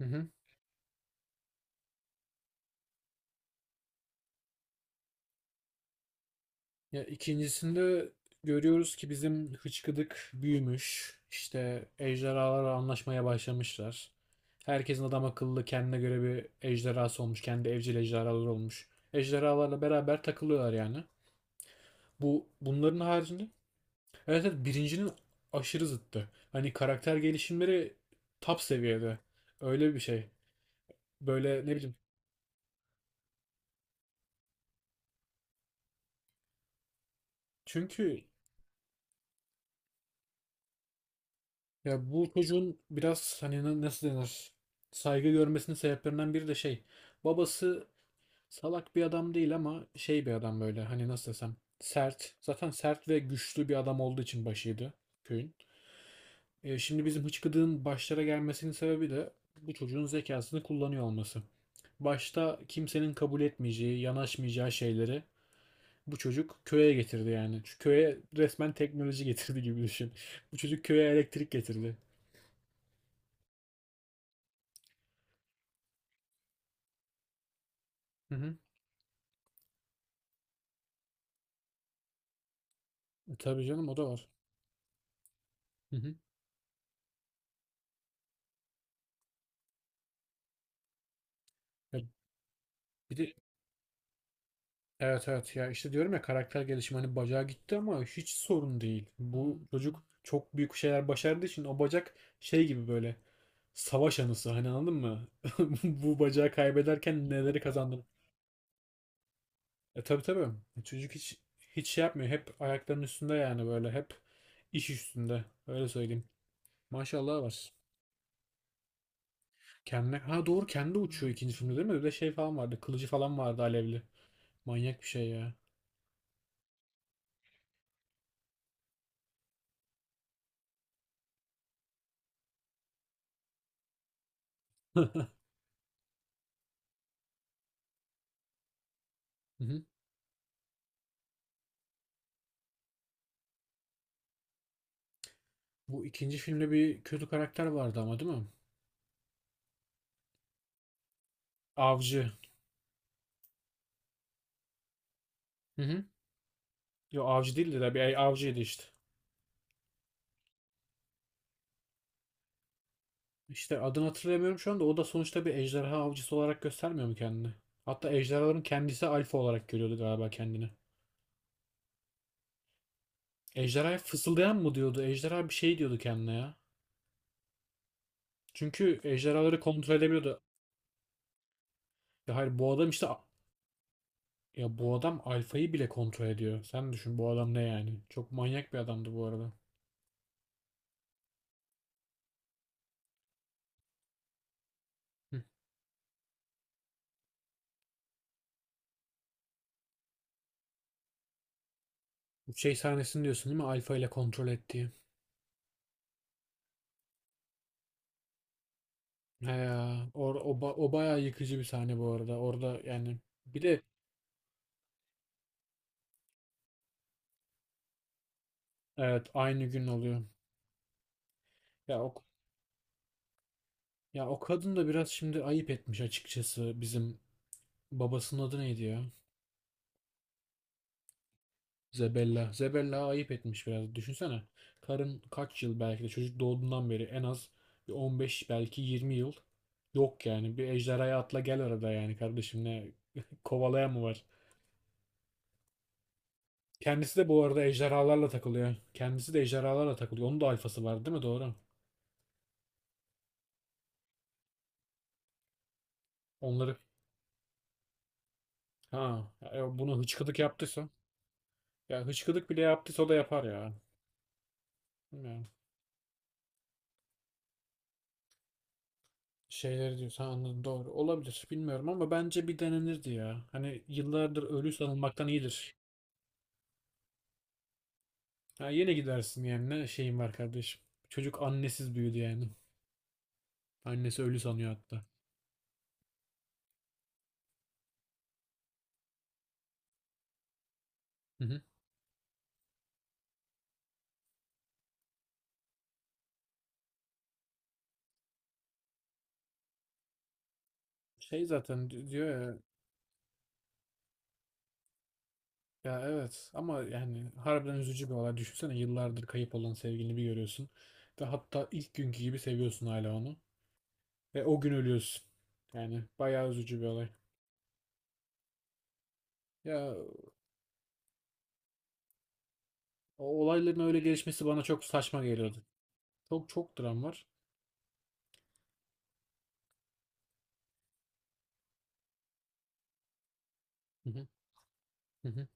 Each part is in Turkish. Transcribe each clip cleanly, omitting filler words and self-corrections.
Hı hı. Ya ikincisinde görüyoruz ki bizim hıçkıdık büyümüş. İşte ejderhalarla anlaşmaya başlamışlar. Herkesin adam akıllı kendine göre bir ejderhası olmuş. Kendi evcil ejderhaları olmuş. Ejderhalarla beraber takılıyorlar yani. Bunların haricinde evet, evet birincinin aşırı zıttı. Hani karakter gelişimleri top seviyede. Öyle bir şey. Böyle ne bileyim. Çünkü Ya bu çocuğun biraz hani nasıl denir? Saygı görmesinin sebeplerinden biri de şey. Babası salak bir adam değil ama şey bir adam böyle hani nasıl desem sert. Zaten sert ve güçlü bir adam olduğu için başıydı köyün. Şimdi bizim hıçkıdığın başlara gelmesinin sebebi de bu çocuğun zekasını kullanıyor olması. Başta kimsenin kabul etmeyeceği, yanaşmayacağı şeyleri bu çocuk köye getirdi yani. Şu köye resmen teknoloji getirdi gibi düşün. Bu çocuk köye elektrik getirdi. Hı hı. Tabii canım o da var. Hı hı. Ya bir de evet evet ya işte diyorum ya karakter gelişimi hani bacağı gitti ama hiç sorun değil. Bu çocuk çok büyük şeyler başardığı için o bacak şey gibi böyle savaş anısı hani anladın mı? Bu bacağı kaybederken neleri kazandın? Tabii tabii. Çocuk hiç şey yapmıyor. Hep ayaklarının üstünde yani böyle hep iş üstünde. Öyle söyleyeyim. Maşallah var. Kendine ha doğru kendi uçuyor ikinci filmde değil mi? Bir de şey falan vardı. Kılıcı falan vardı alevli. Manyak bir şey ya. Hı hı. Bu ikinci filmde bir kötü karakter vardı ama değil mi? Avcı. Hı hı. Yo avcı değildi de bir avcıydı işte. İşte adını hatırlamıyorum şu anda. O da sonuçta bir ejderha avcısı olarak göstermiyor mu kendini? Hatta ejderhaların kendisi alfa olarak görüyordu galiba kendini. Ejderhaya fısıldayan mı diyordu? Ejderha bir şey diyordu kendine ya. Çünkü ejderhaları kontrol edebiliyordu. Ya hayır bu adam işte ya bu adam alfayı bile kontrol ediyor. Sen düşün bu adam ne yani? Çok manyak bir adamdı bu arada. Hı. Bu şey sahnesini diyorsun değil mi? Alfa ile kontrol ettiği. He ya, o bayağı yıkıcı bir sahne bu arada. Orada yani bir de evet aynı gün oluyor. Ya o, ya o kadın da biraz şimdi ayıp etmiş açıkçası bizim babasının adı neydi ya? Zebella. Zebella ayıp etmiş biraz. Düşünsene. Karın kaç yıl belki de çocuk doğduğundan beri en az bir 15 belki 20 yıl yok yani. Bir ejderhaya atla gel arada yani kardeşim ne kovalayan mı var? Kendisi de bu arada ejderhalarla takılıyor. Kendisi de ejderhalarla takılıyor. Onun da alfası var değil mi? Doğru. Onları Ha, ya bunu hıçkıdık yaptıysa. Ya hıçkıdık bile yaptıysa o da yapar ya. Bilmiyorum. Şeyleri diyorsun ha, anladım doğru. Olabilir bilmiyorum ama bence bir denenirdi ya. Hani yıllardır ölü sanılmaktan iyidir. Ha, yine gidersin yani ne şeyim var kardeşim. Çocuk annesiz büyüdü yani. Annesi ölü sanıyor hatta. Hı hı. Şey zaten diyor ya, ya evet ama yani harbiden üzücü bir olay. Düşünsene yıllardır kayıp olan sevgilini bir görüyorsun. Ve hatta ilk günkü gibi seviyorsun hala onu. Ve o gün ölüyorsun. Yani bayağı üzücü bir olay. Ya o olayların öyle gelişmesi bana çok saçma geliyordu. Çok çok dram var. Hı hı, hı hı,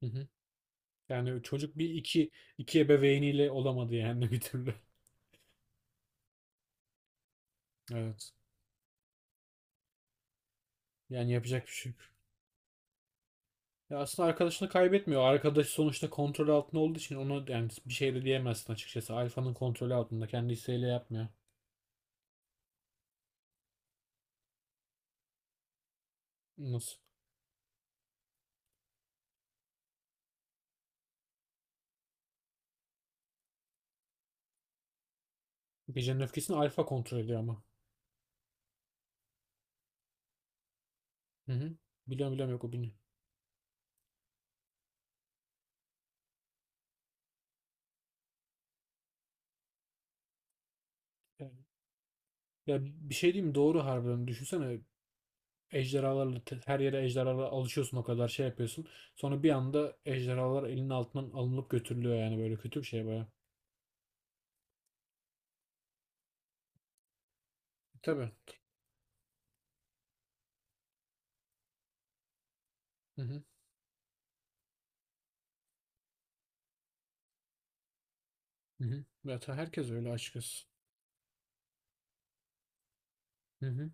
hı hı. Yani çocuk bir iki ebeveyniyle olamadı yani bir türlü. Evet. Yani yapacak bir şey yok. Ya aslında arkadaşını kaybetmiyor. Arkadaş sonuçta kontrol altında olduğu için ona yani bir şey de diyemezsin açıkçası. Alfa'nın kontrolü altında. Kendi isteğiyle yapmıyor. Nasıl? Gecenin öfkesini Alfa kontrol ediyor ama. Hı hı. Biliyorum biliyorum yok o bilmiyor. Yani- Ya bir şey diyeyim mi? Doğru harbiden. Düşünsene her yere ejderhalarla alışıyorsun o kadar şey yapıyorsun. Sonra bir anda ejderhalar elinin altından alınıp götürülüyor yani böyle kötü bir şey baya. Tabii. Hı hı. Hı hı. Ya herkes öyle açıkçası. Hı hı.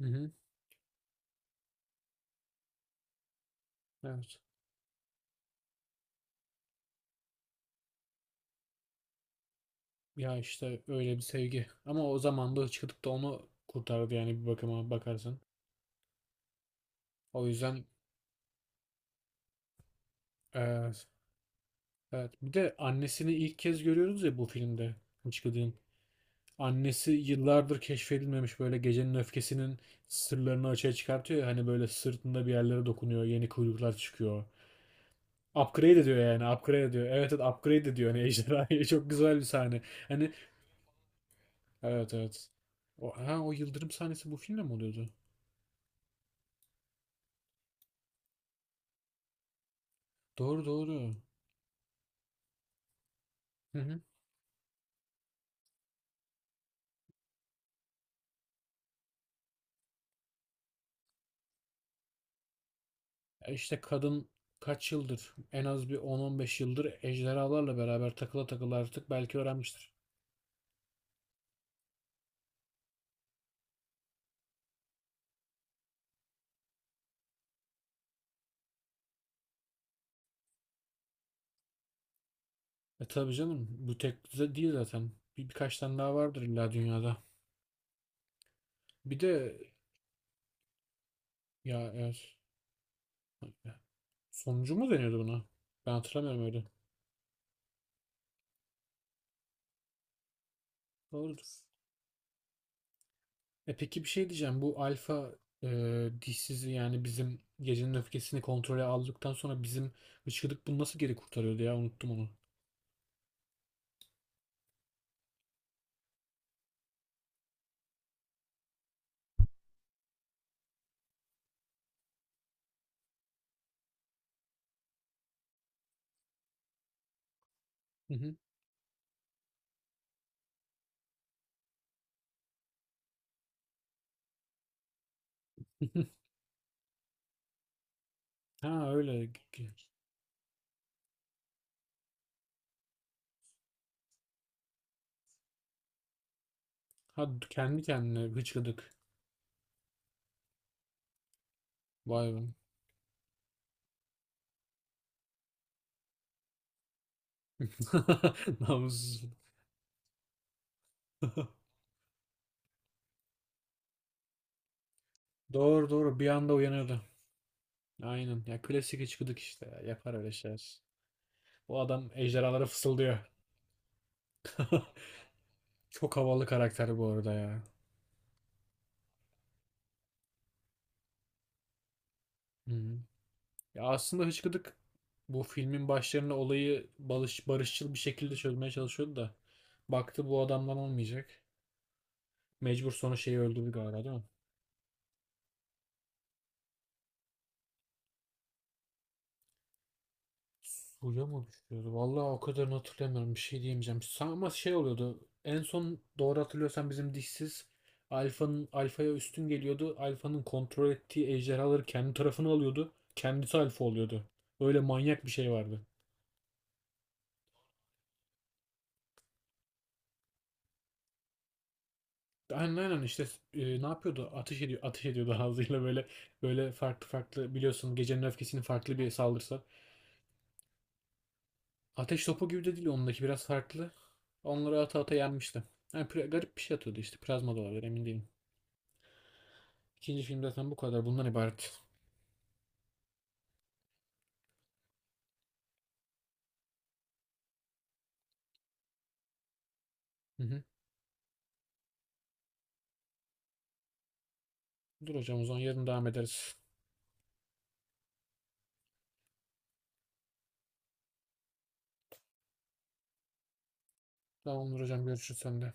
Hı hı. Evet. Ya işte öyle bir sevgi. Ama o zaman da çıkıp da onu kurtardı yani bir bakıma bakarsan. O yüzden evet. Evet. Bir de annesini ilk kez görüyoruz ya bu filmde. Hıçkıdık'ın. Annesi yıllardır keşfedilmemiş böyle gecenin öfkesinin sırlarını açığa çıkartıyor ya hani böyle sırtında bir yerlere dokunuyor yeni kuyruklar çıkıyor. Upgrade ediyor yani upgrade ediyor. Evet evet upgrade ediyor hani ejderhayı çok güzel bir sahne. Hani evet evet. O yıldırım sahnesi bu filmde mi oluyordu? Doğru doğru. Hı hı. İşte kadın kaç yıldır en az bir 10-15 yıldır ejderhalarla beraber takıla takıla artık belki öğrenmiştir. Tabii canım bu tek düze değil zaten. Birkaç tane daha vardır illa dünyada. Bir de ya eğer sonucu mu deniyordu buna? Ben hatırlamıyorum öyle. Doğrudur. Peki bir şey diyeceğim. Bu alfa dişsizi yani bizim gecenin öfkesini kontrole aldıktan sonra bizim hıçkıdık bunu nasıl geri kurtarıyordu ya? Unuttum onu. Hı hı. Ha öyle. Ha kendi kendine hıçkıdık. Vay be. Namussuz. Doğru doğru bir anda uyanıyordu. Aynen ya klasik hıçkıdık işte ya. Yapar öyle şeyler. O adam ejderhalara fısıldıyor. Çok havalı karakter bu arada ya. Hı. Hı. Ya aslında Hıçkıdık bu filmin başlarında olayı barışçıl bir şekilde çözmeye çalışıyordu da baktı bu adamdan olmayacak. Mecbur sonra şeyi öldürdü galiba değil mi? Suya mı düşüyordu? Vallahi o kadarını hatırlamıyorum. Bir şey diyemeyeceğim. Ama şey oluyordu. En son doğru hatırlıyorsan bizim dişsiz Alfa'ya üstün geliyordu. Alfa'nın kontrol ettiği ejderhaları kendi tarafına alıyordu. Kendisi Alfa oluyordu. Öyle manyak bir şey vardı. Aynen aynen işte ne yapıyordu? Ateş ediyordu ağzıyla böyle böyle farklı farklı biliyorsun gecenin öfkesinin farklı bir saldırısı. Ateş topu gibi de değil ondaki biraz farklı. Onları ata ata yenmişti. Yani garip bir şey atıyordu işte plazma da olabilir emin değilim. İkinci film zaten bu kadar bundan ibaret. Hı hı. Dur hocam o zaman yarın devam ederiz. Tamamdır hocam görüşürüz sende.